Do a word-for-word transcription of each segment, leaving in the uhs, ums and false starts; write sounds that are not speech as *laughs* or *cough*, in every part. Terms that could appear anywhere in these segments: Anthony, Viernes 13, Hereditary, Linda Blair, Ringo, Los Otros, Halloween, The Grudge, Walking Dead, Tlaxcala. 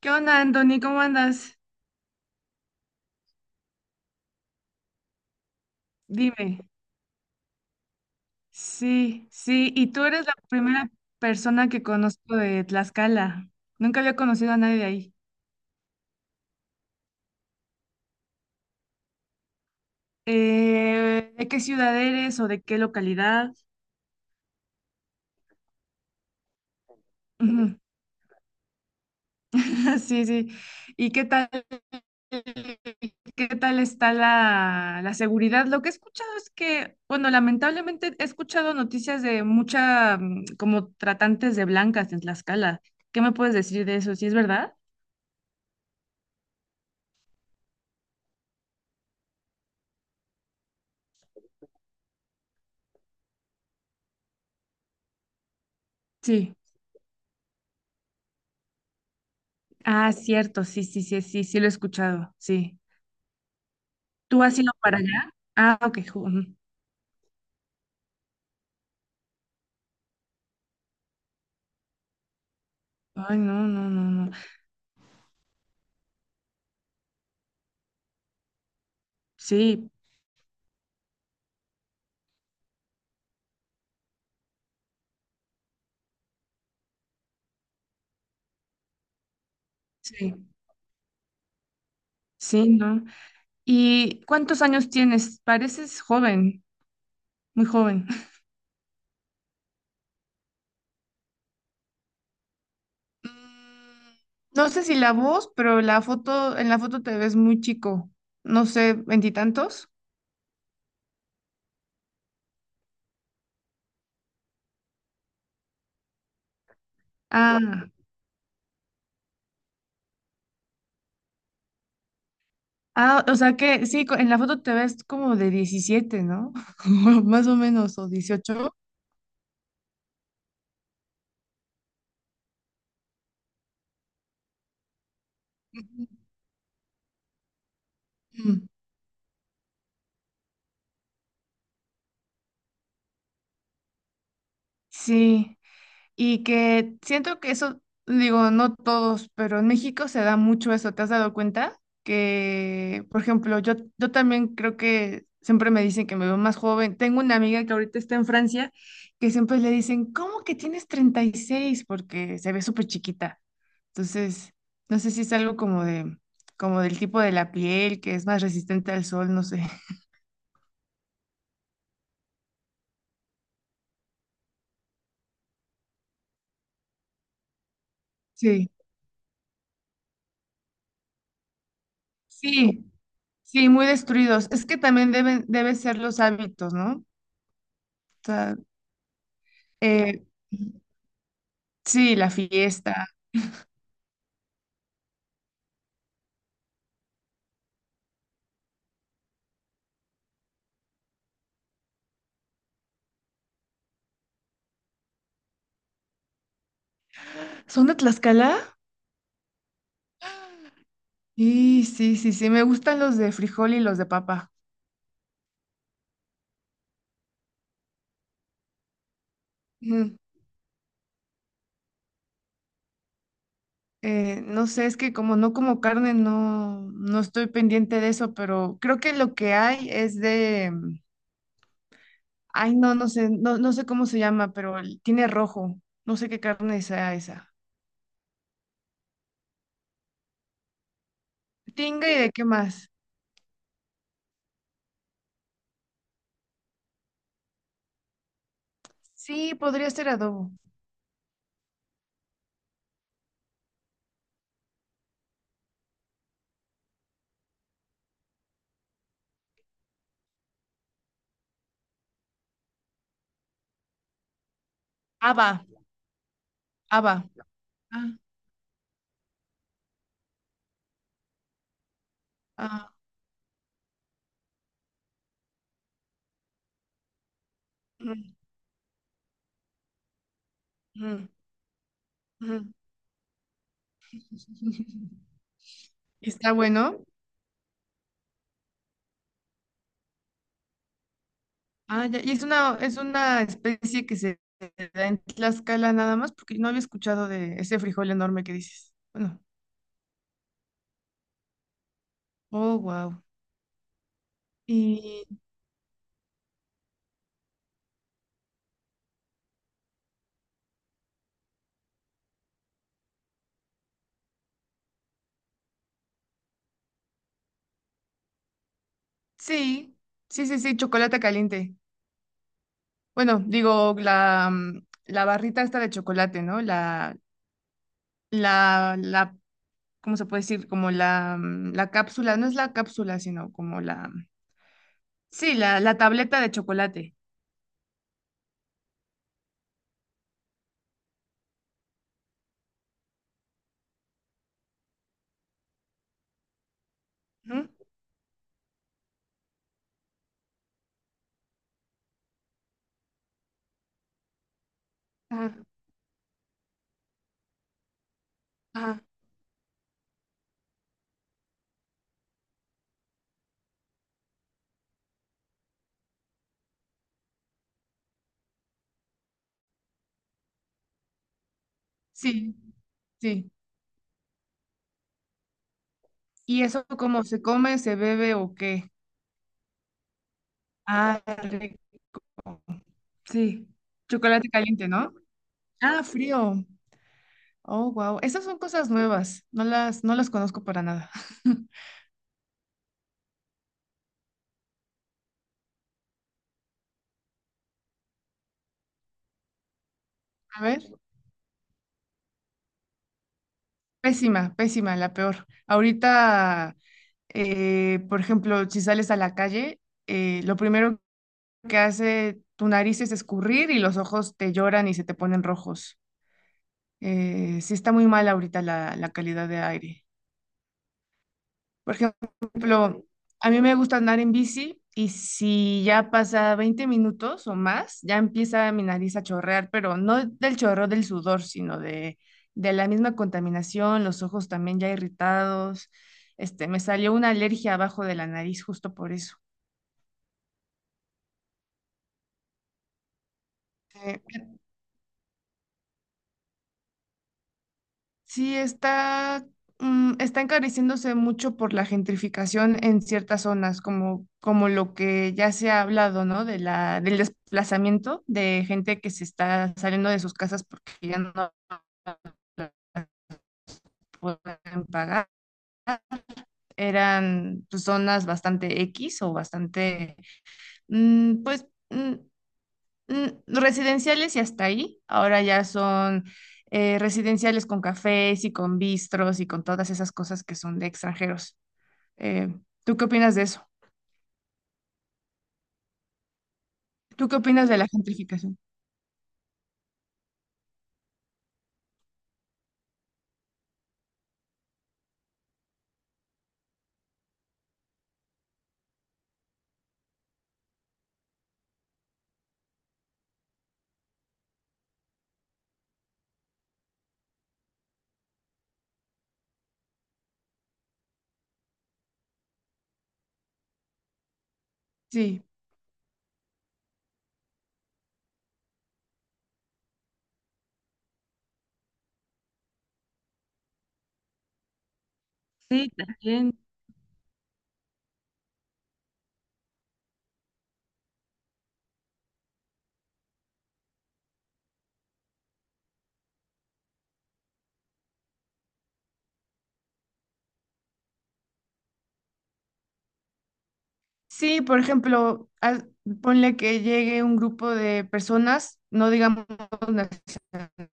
¿Qué onda, Anthony? ¿Cómo andas? Dime. Sí, sí, y tú eres la primera persona que conozco de Tlaxcala. Nunca había conocido a nadie de ahí. Eh, ¿de qué ciudad eres o de qué localidad? Ujú. *laughs* Sí, sí. ¿Y qué tal, qué tal está la, la seguridad? Lo que he escuchado es que, bueno, lamentablemente he escuchado noticias de mucha, mm, como tratantes de blancas en Tlaxcala. ¿Qué me puedes decir de eso? ¿Sí es verdad? Sí. Ah, cierto, sí, sí, sí, sí, sí lo he escuchado, sí. ¿Tú has ido para allá? Ah, ok. ju- ujú. Ay, no, no, no, no. Sí, sí, sí, no. ¿Y cuántos años tienes? Pareces joven, muy joven. *laughs* Mm, No sé si la voz, pero la foto, en la foto te ves muy chico. No sé, veintitantos. Ah, Ah, o sea que sí, co- en la foto te ves como de diecisiete, ¿no? *laughs* Más o menos, o dieciocho. Ujú. Mm, Sí. Y que siento que eso, digo, no todos, pero en México se da mucho eso. ¿Te has dado cuenta? Que, por ejemplo, yo, yo también creo que siempre me dicen que me veo más joven. Tengo una amiga que ahorita está en Francia, que siempre le dicen, ¿cómo que tienes treinta y seis? Porque se ve súper chiquita. Entonces, no sé si es algo como de, como del tipo de la piel, que es más resistente al sol, no sé. *laughs* Sí, sí, sí, muy destruidos. Es que también deben, deben ser los hábitos, ¿no? O sea, Eh, sí, la fiesta. ¿Son de Tlaxcala? Sí, sí, sí, sí. Me gustan los de frijol y los de papa. Ujú. Eh, no sé, es que como no como carne, no, no estoy pendiente de eso, pero creo que lo que hay es de, mm, ay, no, no sé, no, no sé cómo se llama, pero el- tiene rojo. No sé qué carne sea esa. Tinga y de qué más. Sí, podría ser adobo. Haba, haba. Ah, ah, ujú, ujú, ujú. *laughs* Está bueno. Ah, ya. Y es una, es una especie que se da en Tlaxcala nada más, porque no había escuchado de ese frijol enorme que dices. Bueno, oh, wow. Y sí, sí, sí, sí, chocolate caliente. Bueno, digo, la, mm, la barrita esta de chocolate, ¿no? La, la, la, ¿cómo se puede decir? Como la, mm, la cápsula, no es la cápsula, sino como la, mm, sí, la, la tableta de chocolate. ¿No? Ajá, ajá. Sí, sí. ¿Y eso cómo se come, se bebe o qué? Ah, rico. Sí. Chocolate caliente, ¿no? Ah, frío. Oh, wow. Esas son cosas nuevas. No las, no las conozco para nada. *laughs* A ver, pésima, pésima, la peor. Ahorita, eh, por ejemplo, si sales a la calle, eh, lo primero que hace tu nariz es escurrir y los ojos te lloran y se te ponen rojos. Eh, sí está muy mal ahorita la, la calidad de aire. Por ejemplo, a mí me gusta andar en bici y si ya pasa veinte minutos o más, ya empieza mi nariz a chorrear, pero no del chorro del sudor, sino de, de la misma contaminación, los ojos también ya irritados. Este, me salió una alergia abajo de la nariz justo por eso. Sí, está, mm, está encareciéndose mucho por la gentrificación en ciertas zonas, como, como lo que ya se ha hablado, ¿no? De la, del desplazamiento de gente que se está saliendo de sus casas porque ya no pueden pagar. Eran pues, zonas bastante X o bastante, mm, pues, mm, mm, residenciales y hasta ahí. Ahora ya son eh, residenciales con cafés y con bistros y con todas esas cosas que son de extranjeros. Eh, ¿tú qué opinas de eso? ¿Tú qué opinas de la gentrificación? Sí. Sí, también. Sí, por ejemplo, haz- ponle que llegue un grupo de personas, no digamos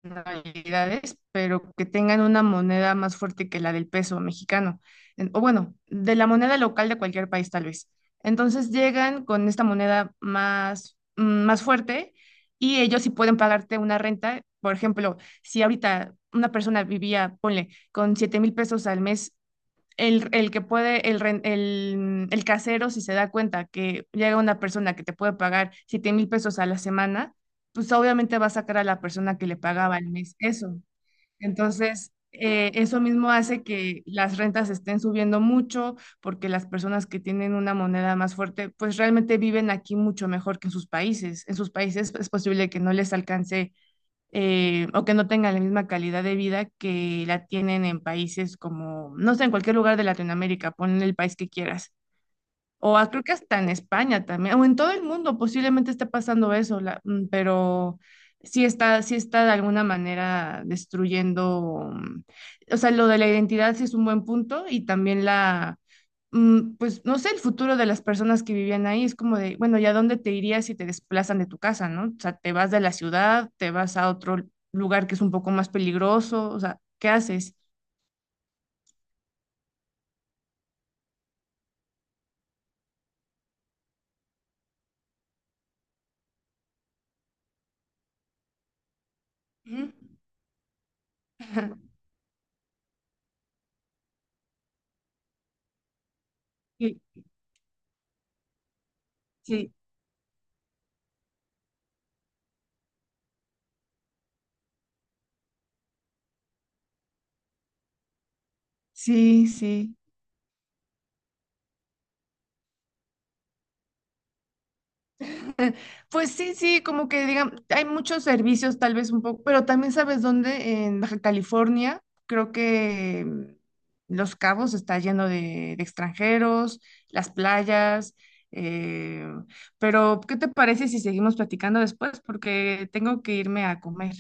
nacionalidades, pero que tengan una moneda más fuerte que la del peso mexicano, en- o bueno, de la moneda local de cualquier país tal vez. Entonces llegan con esta moneda más, mm, más fuerte y ellos sí pueden pagarte una renta. Por ejemplo, si ahorita una persona vivía, ponle, con siete mil pesos al mes el, el que puede, el, ren- el, el casero, si se da cuenta que llega una persona que te puede pagar siete mil pesos a la semana, pues obviamente va a sacar a la persona que le pagaba al mes eso. Entonces, eh, eso mismo hace que las rentas estén subiendo mucho porque las personas que tienen una moneda más fuerte, pues realmente viven aquí mucho mejor que en sus países. En sus países pues, es posible que no les alcance eh, o que no tengan la misma calidad de vida que la tienen en países como, no sé, en cualquier lugar de Latinoamérica, pon el país que quieras. O a- creo que hasta en España también, o en todo el mundo posiblemente esté pasando eso, la- mm, pero sí está, sí está de alguna manera destruyendo, mm, o sea, lo de la identidad sí es un buen punto y también la, mm, pues no sé, el futuro de las personas que vivían ahí es como de, bueno, ¿ya dónde te irías si te desplazan de tu casa, ¿no? O sea, te vas de la ciudad, te vas a otro lugar que es un poco más peligroso, o sea, ¿qué haces? Ujú. *laughs* Sí, sí. Sí, sí. Eh, Pues sí, sí, como que digan, hay muchos servicios tal vez un poco, pero también sabes dónde, en Baja California, creo que mm, Los Cabos está lleno de, de extranjeros, las playas, eh, pero ¿qué te parece si seguimos platicando después? Porque tengo que irme a comer.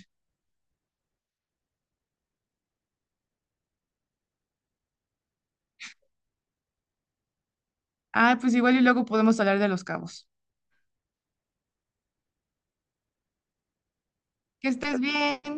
Ah, pues igual y luego podemos hablar de Los Cabos. Que estés bien.